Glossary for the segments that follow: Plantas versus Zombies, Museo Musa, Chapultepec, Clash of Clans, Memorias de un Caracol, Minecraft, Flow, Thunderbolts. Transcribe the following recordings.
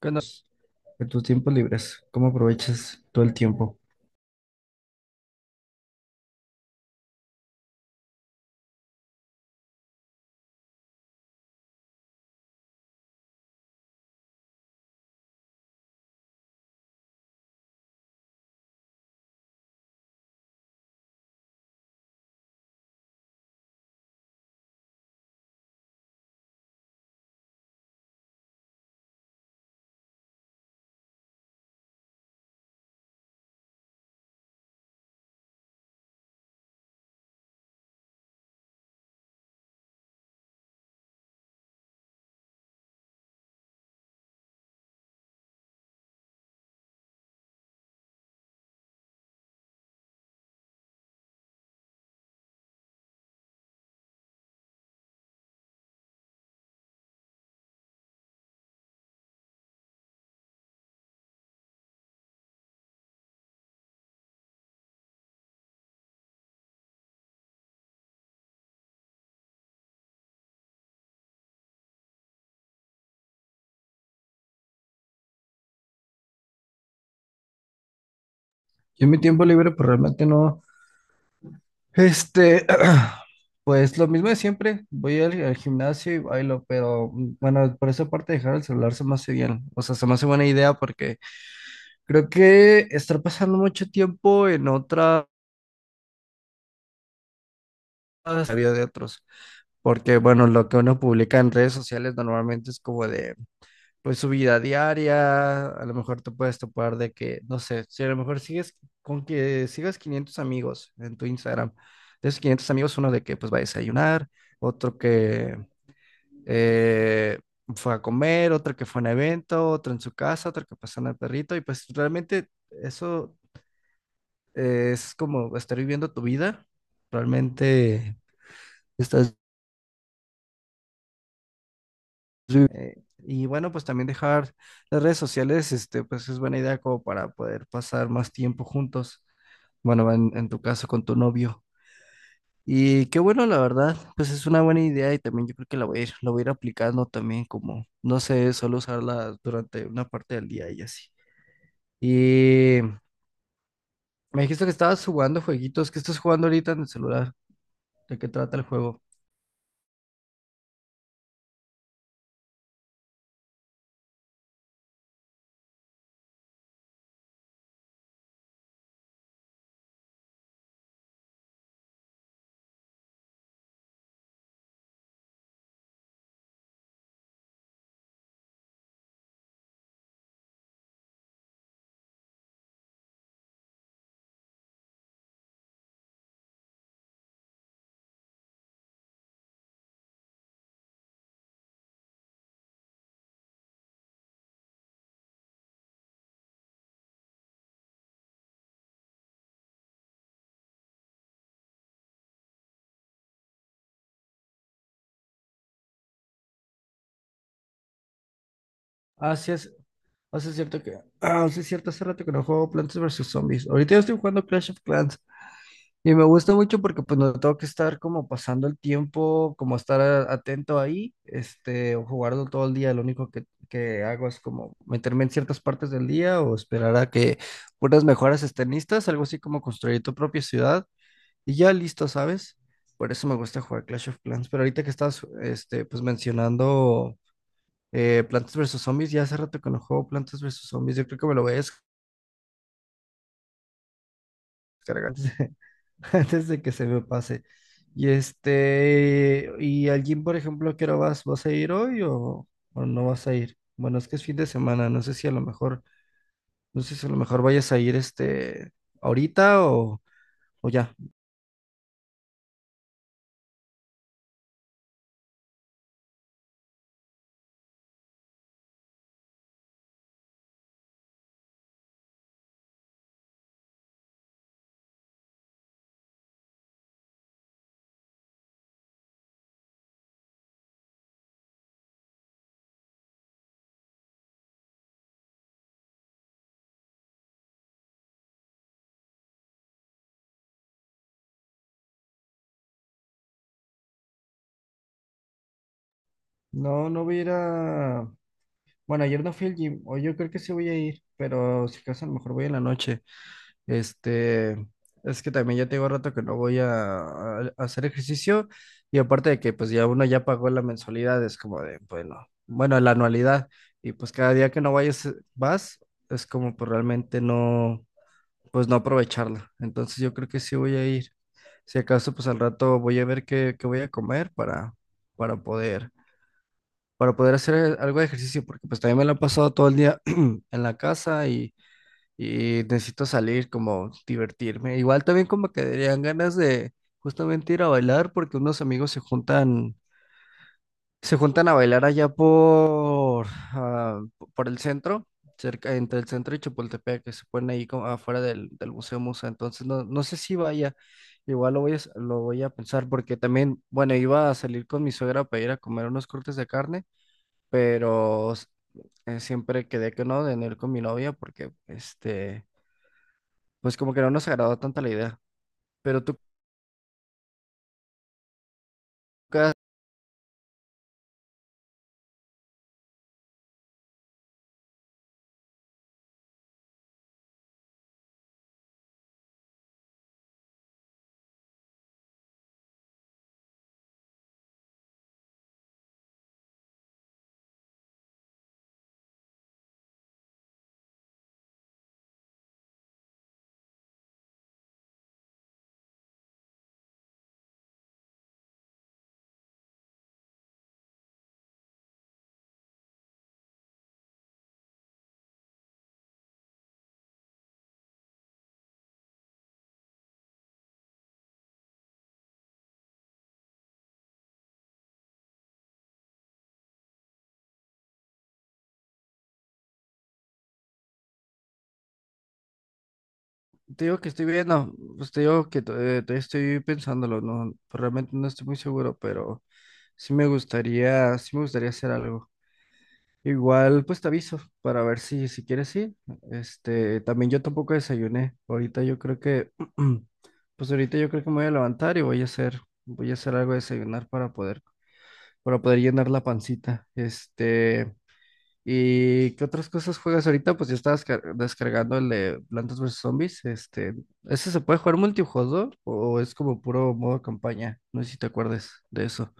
¿Qué andas? De tus tiempos libres, ¿cómo aprovechas todo el tiempo? Yo en mi tiempo libre, pues realmente no. Este, pues lo mismo de siempre. Voy al gimnasio y bailo, pero mm, bueno, por esa parte dejar el celular se me hace bien. O sea, se me hace buena idea porque creo que estar pasando mucho tiempo en otras la vida de otros. Porque bueno, lo que uno publica en redes sociales normalmente es como de pues su vida diaria, a lo mejor te puedes topar de que, no sé, si a lo mejor sigues con que sigas 500 amigos en tu Instagram, de esos 500 amigos, uno de que pues va a desayunar, otro que eh, fue a comer, otro que fue a un evento, otro en su casa, otro que pasó en el perrito, y pues realmente eso es como estar viviendo tu vida, realmente estás... Y bueno, pues también dejar las redes sociales, este, pues es buena idea como para poder pasar más tiempo juntos. Bueno, en tu caso con tu novio. Y qué bueno, la verdad, pues es una buena idea y también yo creo que la voy a ir aplicando también como, no sé, solo usarla durante una parte del día y así. Y me dijiste que estabas jugando jueguitos, ¿qué estás jugando ahorita en el celular? ¿De qué trata el juego? Ah, sí es, ah, sí es cierto que, ah, sí es cierto, hace rato que no juego Plantas versus Zombies. Ahorita yo estoy jugando Clash of Clans. Y me gusta mucho porque pues no tengo que estar como pasando el tiempo, como estar atento ahí, este, o jugarlo todo el día. Lo único que hago es como meterme en ciertas partes del día o esperar a que unas mejoras estén listas, algo así como construir tu propia ciudad y ya listo, ¿sabes? Por eso me gusta jugar Clash of Clans. Pero ahorita que estás, este, pues mencionando Plantas versus Zombies, ya hace rato que no juego Plantas versus Zombies, yo creo que me lo voy a descargar. Antes de que se me pase. Y al gym, por ejemplo, ¿a qué hora vas? ¿Vas a ir hoy o no vas a ir? Bueno, es que es fin de semana, no sé si a lo mejor, no sé si a lo mejor vayas a ir ahorita o ya. No, no voy a ir bueno, ayer no fui al gym, o yo creo que sí voy a ir, pero si acaso a lo mejor voy en la noche. Este, es que también ya tengo rato que no voy a hacer ejercicio y aparte de que pues ya uno ya pagó la mensualidad, es como de, bueno, bueno, la anualidad y pues cada día que no vayas, vas, es como pues realmente no, pues no aprovecharla. Entonces yo creo que sí voy a ir. Si acaso pues al rato voy a ver qué voy a comer para poder, para poder hacer algo de ejercicio porque pues también me lo he pasado todo el día en la casa y necesito salir, como divertirme. Igual también como que darían ganas de justamente ir a bailar porque unos amigos se juntan a bailar allá ah, por el centro, cerca entre el centro y Chapultepec, que se ponen ahí como afuera del Museo Musa. Entonces no, no sé si vaya. Igual lo voy a pensar porque también, bueno, iba a salir con mi suegra para ir a comer unos cortes de carne, pero siempre quedé que no, de no ir con mi novia porque pues como que no nos agradó tanto la idea. Pero tú, ca- Te digo que estoy viendo, pues te digo que todavía estoy pensándolo, no, pues realmente no estoy muy seguro, pero sí me gustaría hacer algo. Igual, pues te aviso para ver si quieres ir. Este, también yo tampoco desayuné. Ahorita yo creo que, pues ahorita yo creo que me voy a levantar y voy a hacer algo de desayunar para poder llenar la pancita. Este. ¿Y qué otras cosas juegas ahorita? Pues yo estaba descargando el de Plantas vs Zombies. Este, ¿ese se puede jugar multijugador o es como puro modo campaña? No sé si te acuerdes de eso.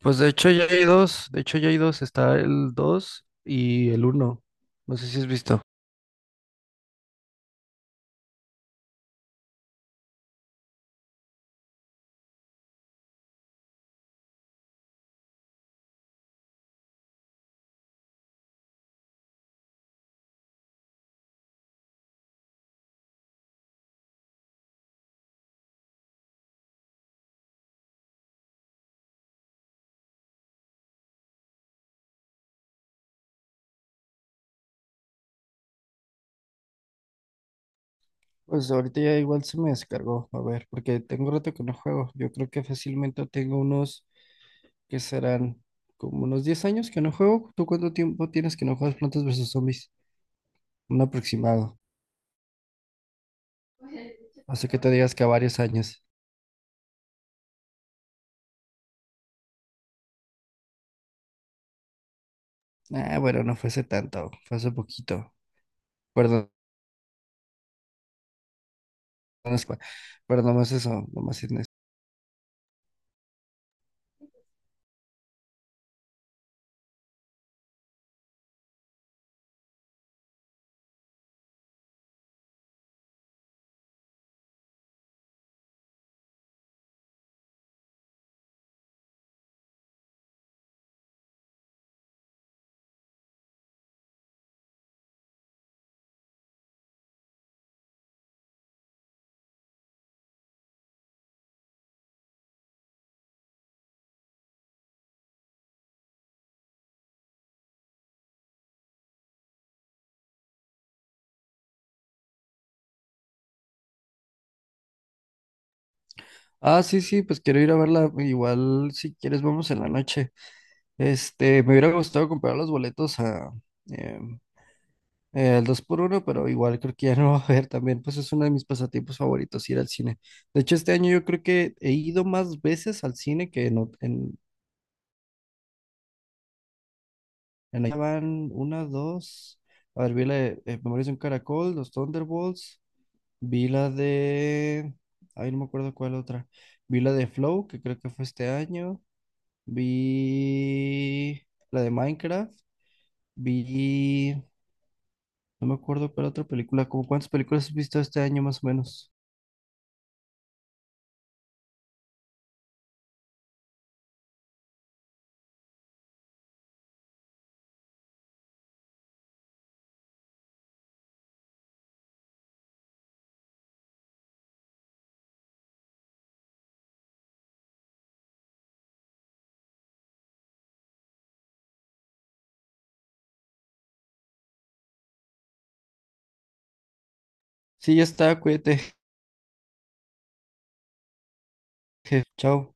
Pues de hecho ya hay dos, está el 2 y el uno. No sé si has visto. Pues ahorita ya igual se me descargó, a ver, porque tengo rato que no juego. Yo creo que fácilmente tengo unos que serán como unos 10 años que no juego. ¿Tú cuánto tiempo tienes que no juegas Plantas vs Zombies? Un aproximado. Así que te digas que a varios años. Ah, bueno, no fue hace tanto, fue hace poquito. Perdón, no es- pero nomás eso, nomás es eso. Ah, sí, sí, pues quiero ir a verla. Igual, si quieres, vamos en la noche. Este, me hubiera gustado comprar los boletos a em, el 2x1, pero igual creo que ya no va a haber también. Pues es uno de mis pasatiempos favoritos, ir al cine. De hecho, este año yo creo que he ido más veces al cine que en, van una, dos. A ver, vi la de Memorias de un Caracol, los Thunderbolts. Vi la de... Ay, no me acuerdo cuál otra. Vi la de Flow, que creo que fue este año. Vi la de Minecraft. Vi... No me acuerdo cuál otra película. ¿Cómo cuántas películas has visto este año más o menos? Sí, ya está, cuídate. Chao.